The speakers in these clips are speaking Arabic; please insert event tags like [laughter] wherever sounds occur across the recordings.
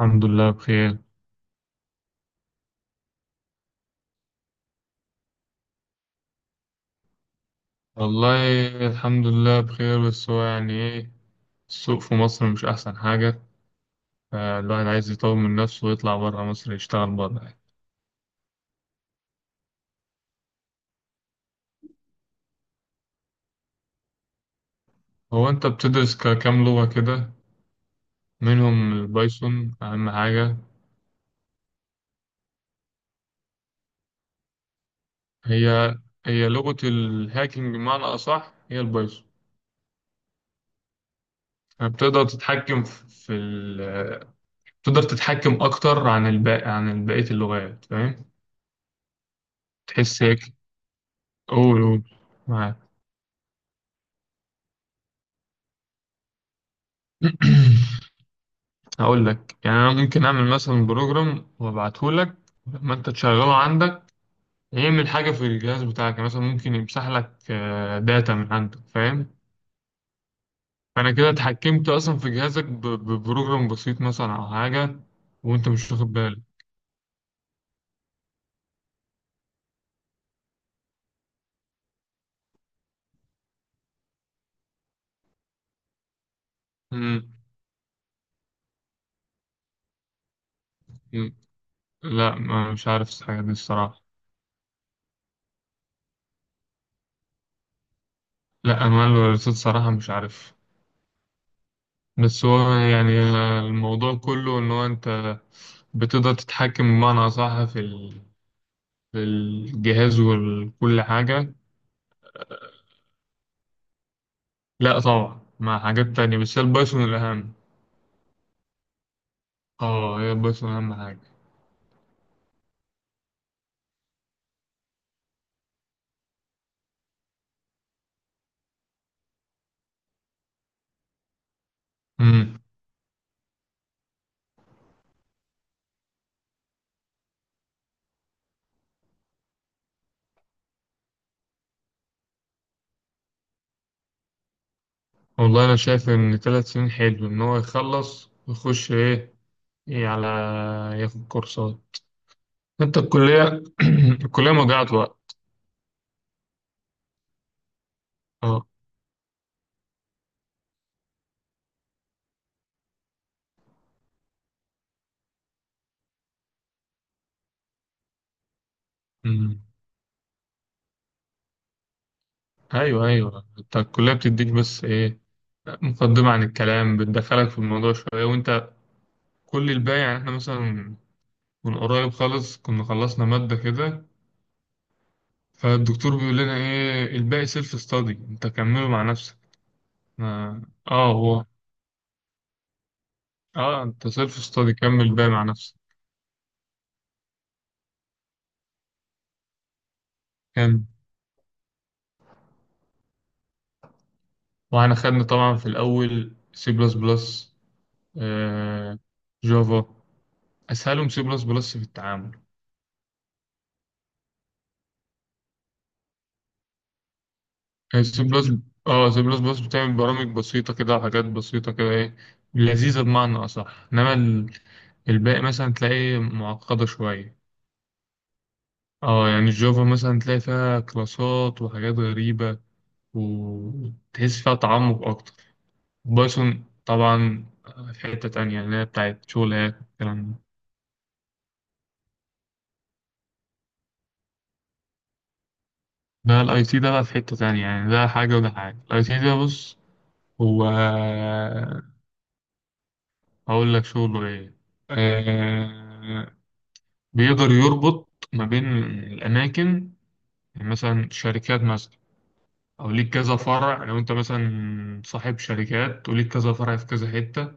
الحمد لله بخير. والله، الحمد لله بخير، بس هو يعني ايه؟ السوق في مصر مش أحسن حاجة، فالواحد عايز يطور من نفسه ويطلع برا مصر يشتغل برا يعني. هو أنت بتدرس كام لغة كده؟ منهم البايثون أهم حاجة. هي هي لغة الهاكينج، بمعنى أصح هي البايثون. فبتقدر تتحكم في في ال تقدر تتحكم أكتر عن الباقي عن بقية اللغات، فاهم؟ تحس هيك؟ قول، قول، معاك. [clears throat] هقول لك، يعني انا ممكن اعمل مثلا بروجرام وابعته لك، لما انت تشغله عندك يعمل حاجه في الجهاز بتاعك. يعني مثلا ممكن يمسح لك داتا من عندك، فاهم؟ فانا كده اتحكمت اصلا في جهازك ببروجرام بسيط مثلا او حاجه، وانت مش واخد بالك. مم. مم. لا، ما مش عارف الحاجه دي الصراحه. لا، انا الرصيد صراحه مش عارف. بس هو يعني الموضوع كله ان هو انت بتقدر تتحكم، بمعنى اصح، في في الجهاز وكل حاجه. لا طبعا، مع حاجات تانية، بس هي البايثون الأهم. اه، هي البايثون أهم حاجة. امم. والله أنا شايف إن 3 سنين حلو، إن هو يخلص ويخش إيه على، ياخد كورسات. أنت الكلية [clears throat] الكلية مضيعة وقت. اه. امم. أيوه، أيوه، أنت الكلية بتديك بس إيه، مقدمة عن الكلام، بتدخلك في الموضوع شوية، وأنت كل الباقي، يعني إحنا مثلا من قريب خالص كنا خلصنا مادة كده، فالدكتور بيقول لنا إيه الباقي سيلف ستادي، أنت كمله مع نفسك. اه. هو، اه انت سيلف ستادي، كمل بقى مع نفسك. كان، واحنا خدنا طبعا في الاول سي بلس بلس، جافا. اسهلهم سي بلس بلس في التعامل. سي بلس اه سي بلس بلس بتعمل برامج بسيطة كده وحاجات بسيطة كده، ايه، لذيذة بمعنى اصح. انما الباقي مثلا تلاقيه معقدة شوية. اه، يعني الجافا مثلا تلاقي فيها كلاسات وحاجات غريبة، وتحس فيها تعمق اكتر. بايثون طبعا في حتة تانية، اللي هي بتاعت شغلات والكلام ده. ده الاي تي ده بقى في حتة تانية، يعني ده حاجة وده حاجة. الاي تي ده، بص، هو هقول لك شغله ايه. آه، بيقدر يربط ما بين الأماكن، يعني مثلا شركات مثلا، أو ليك كذا فرع. لو أنت مثلا صاحب شركات وليك كذا فرع في كذا حتة،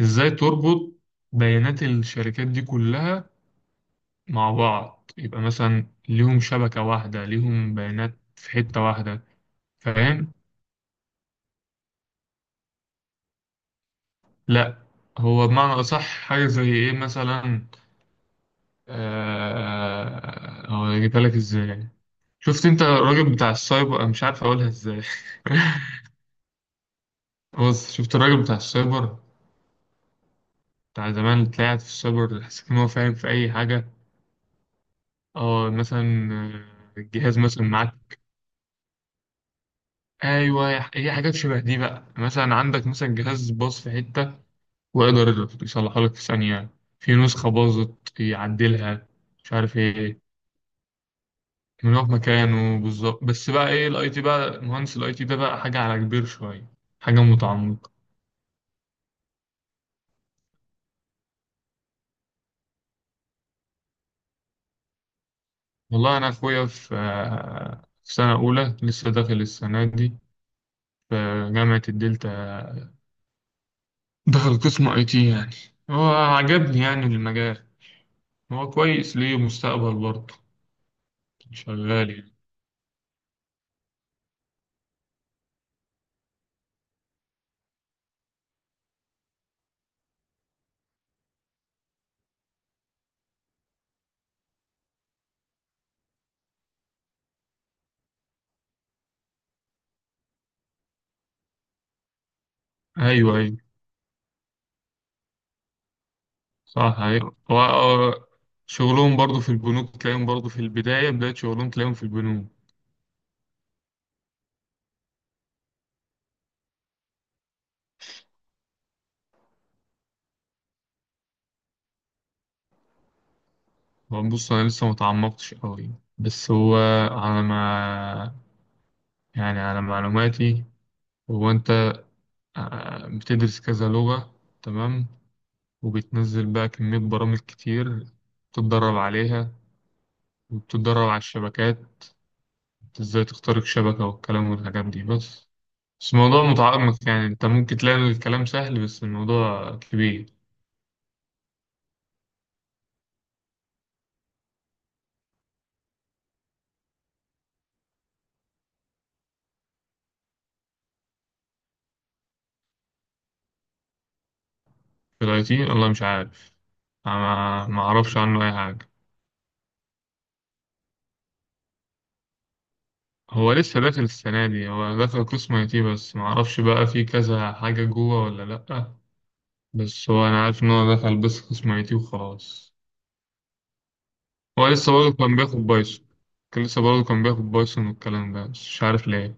إزاي تربط بيانات الشركات دي كلها مع بعض، يبقى مثلا ليهم شبكة واحدة، ليهم بيانات في حتة واحدة، فاهم؟ لا، هو بمعنى أصح حاجة زي إيه مثلا، هو أجيبها لك إزاي؟ شفت أنت الراجل بتاع السايبر، أنا مش عارف أقولها إزاي. [laughs] بص، شفت الراجل بتاع السايبر بتاع زمان، اللي طلعت في السايبر حسيت إن هو فاهم في أي حاجة. أه، مثلا الجهاز مثلا معاك. أيوه، هي حاجات شبه دي بقى، مثلا عندك مثلا جهاز باظ في حتة، ويقدر يصلحها لك في ثانية، في نسخة باظت يعدلها، مش عارف ايه. من هو في مكانه بالظبط. بس بقى ايه الاي تي، بقى مهندس الاي تي ده بقى حاجة على كبير شوية، حاجة متعمقة. والله انا اخويا في سنة اولى، لسه داخل السنة دي، في جامعة الدلتا. دخل قسم اي تي يعني. هو عجبني يعني المجال، هو كويس، ليه مستقبل برضه، شغال يعني. ايوه، ايوه، صح حقيقة، و- شغلهم برضو في البنوك، تلاقيهم برضو في البداية، بداية شغلهم تلاقيهم في البنوك. هو بص، أنا لسه متعمقتش أوي، بس هو على ما يعني، على معلوماتي، هو أنت بتدرس كذا لغة، تمام، وبتنزل بقى كمية برامج كتير، بتتدرب عليها، وبتتدرب على الشبكات، ازاي تخترق شبكة والكلام والحاجات دي، بس الموضوع متعمق، يعني انت ممكن تلاقي الكلام سهل، بس الموضوع كبير. في الاي تي، والله مش عارف، أنا ما اعرفش عنه اي حاجه. هو لسه داخل السنه دي، هو داخل قسم اي تي بس، ما اعرفش بقى في كذا حاجه جوه ولا لا. بس هو انا عارف ان هو دخل بس قسم اي تي وخلاص. هو لسه برضه كان بياخد بايثون. كان لسه برضه كان بياخد بايثون والكلام ده، بس مش عارف ليه.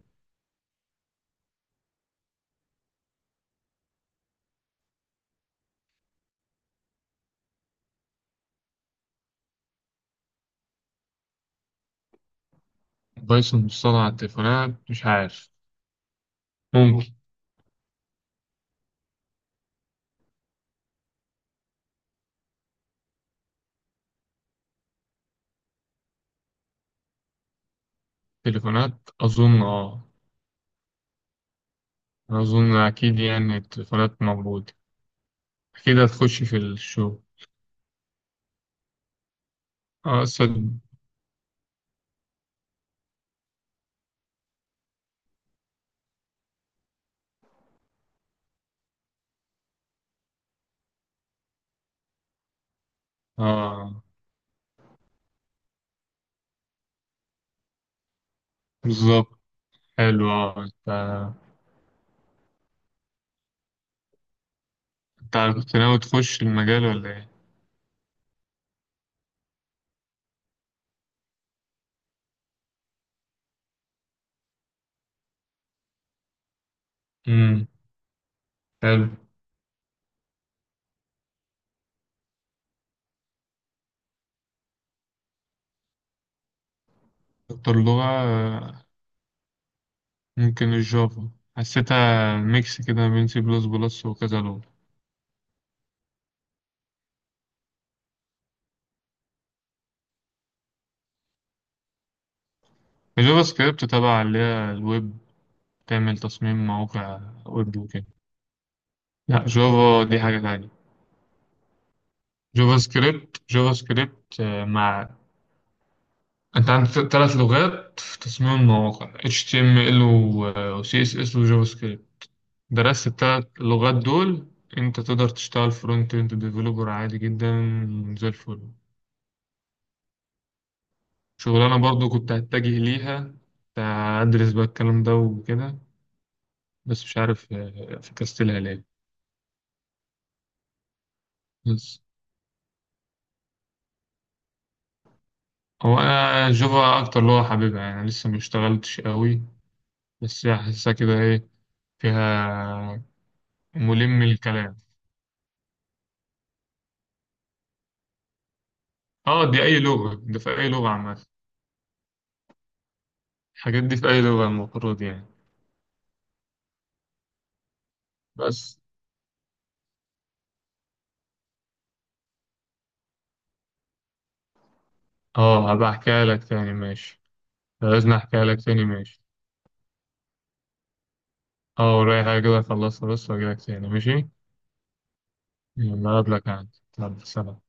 بايثون بتصنع على التليفونات، مش عارف، ممكن. تليفونات اظن، اه، أنا اظن اكيد يعني التليفونات موجوده، اكيد هتخش في الشو. اه، اه، بالظبط. حلو. اه انت كنت ناوي تخش المجال ولا ايه؟ امم. حلو. اكتر لغة ممكن الجافا، حسيتها ميكس كده ما بين سي بلس بلس وكذا لغة. الجافا سكريبت تبع اللي هي الويب، تعمل تصميم مواقع ويب وكده. لا، جافا دي حاجة تانية. جافا سكريبت مع. انت عندك ثلاث لغات في تصميم المواقع: HTML و CSS وجافا سكريبت. درست التلات لغات دول، انت تقدر تشتغل فرونت اند ديفلوبر عادي جدا، زي الفل. شغلانة برضو كنت هتجه ليها، كنت هدرس بقى الكلام ده وكده، بس مش عارف فكستلها ليه. بس هو انا جافا اكتر اللي هو حاببها يعني، لسه ما اشتغلتش قوي، بس حاسسها كده ايه فيها، ملم الكلام. اه، دي اي لغة، ده في اي لغة عامة. الحاجات دي في اي لغة المفروض يعني، بس. اه، هبقى احكيها لك تاني، ماشي. لازم احكي لك تاني، ماشي. اه، ورايا حاجة كده اخلصها بس واجي لك تاني، ماشي. يلا، اقابلك عادي، يلا، سلام.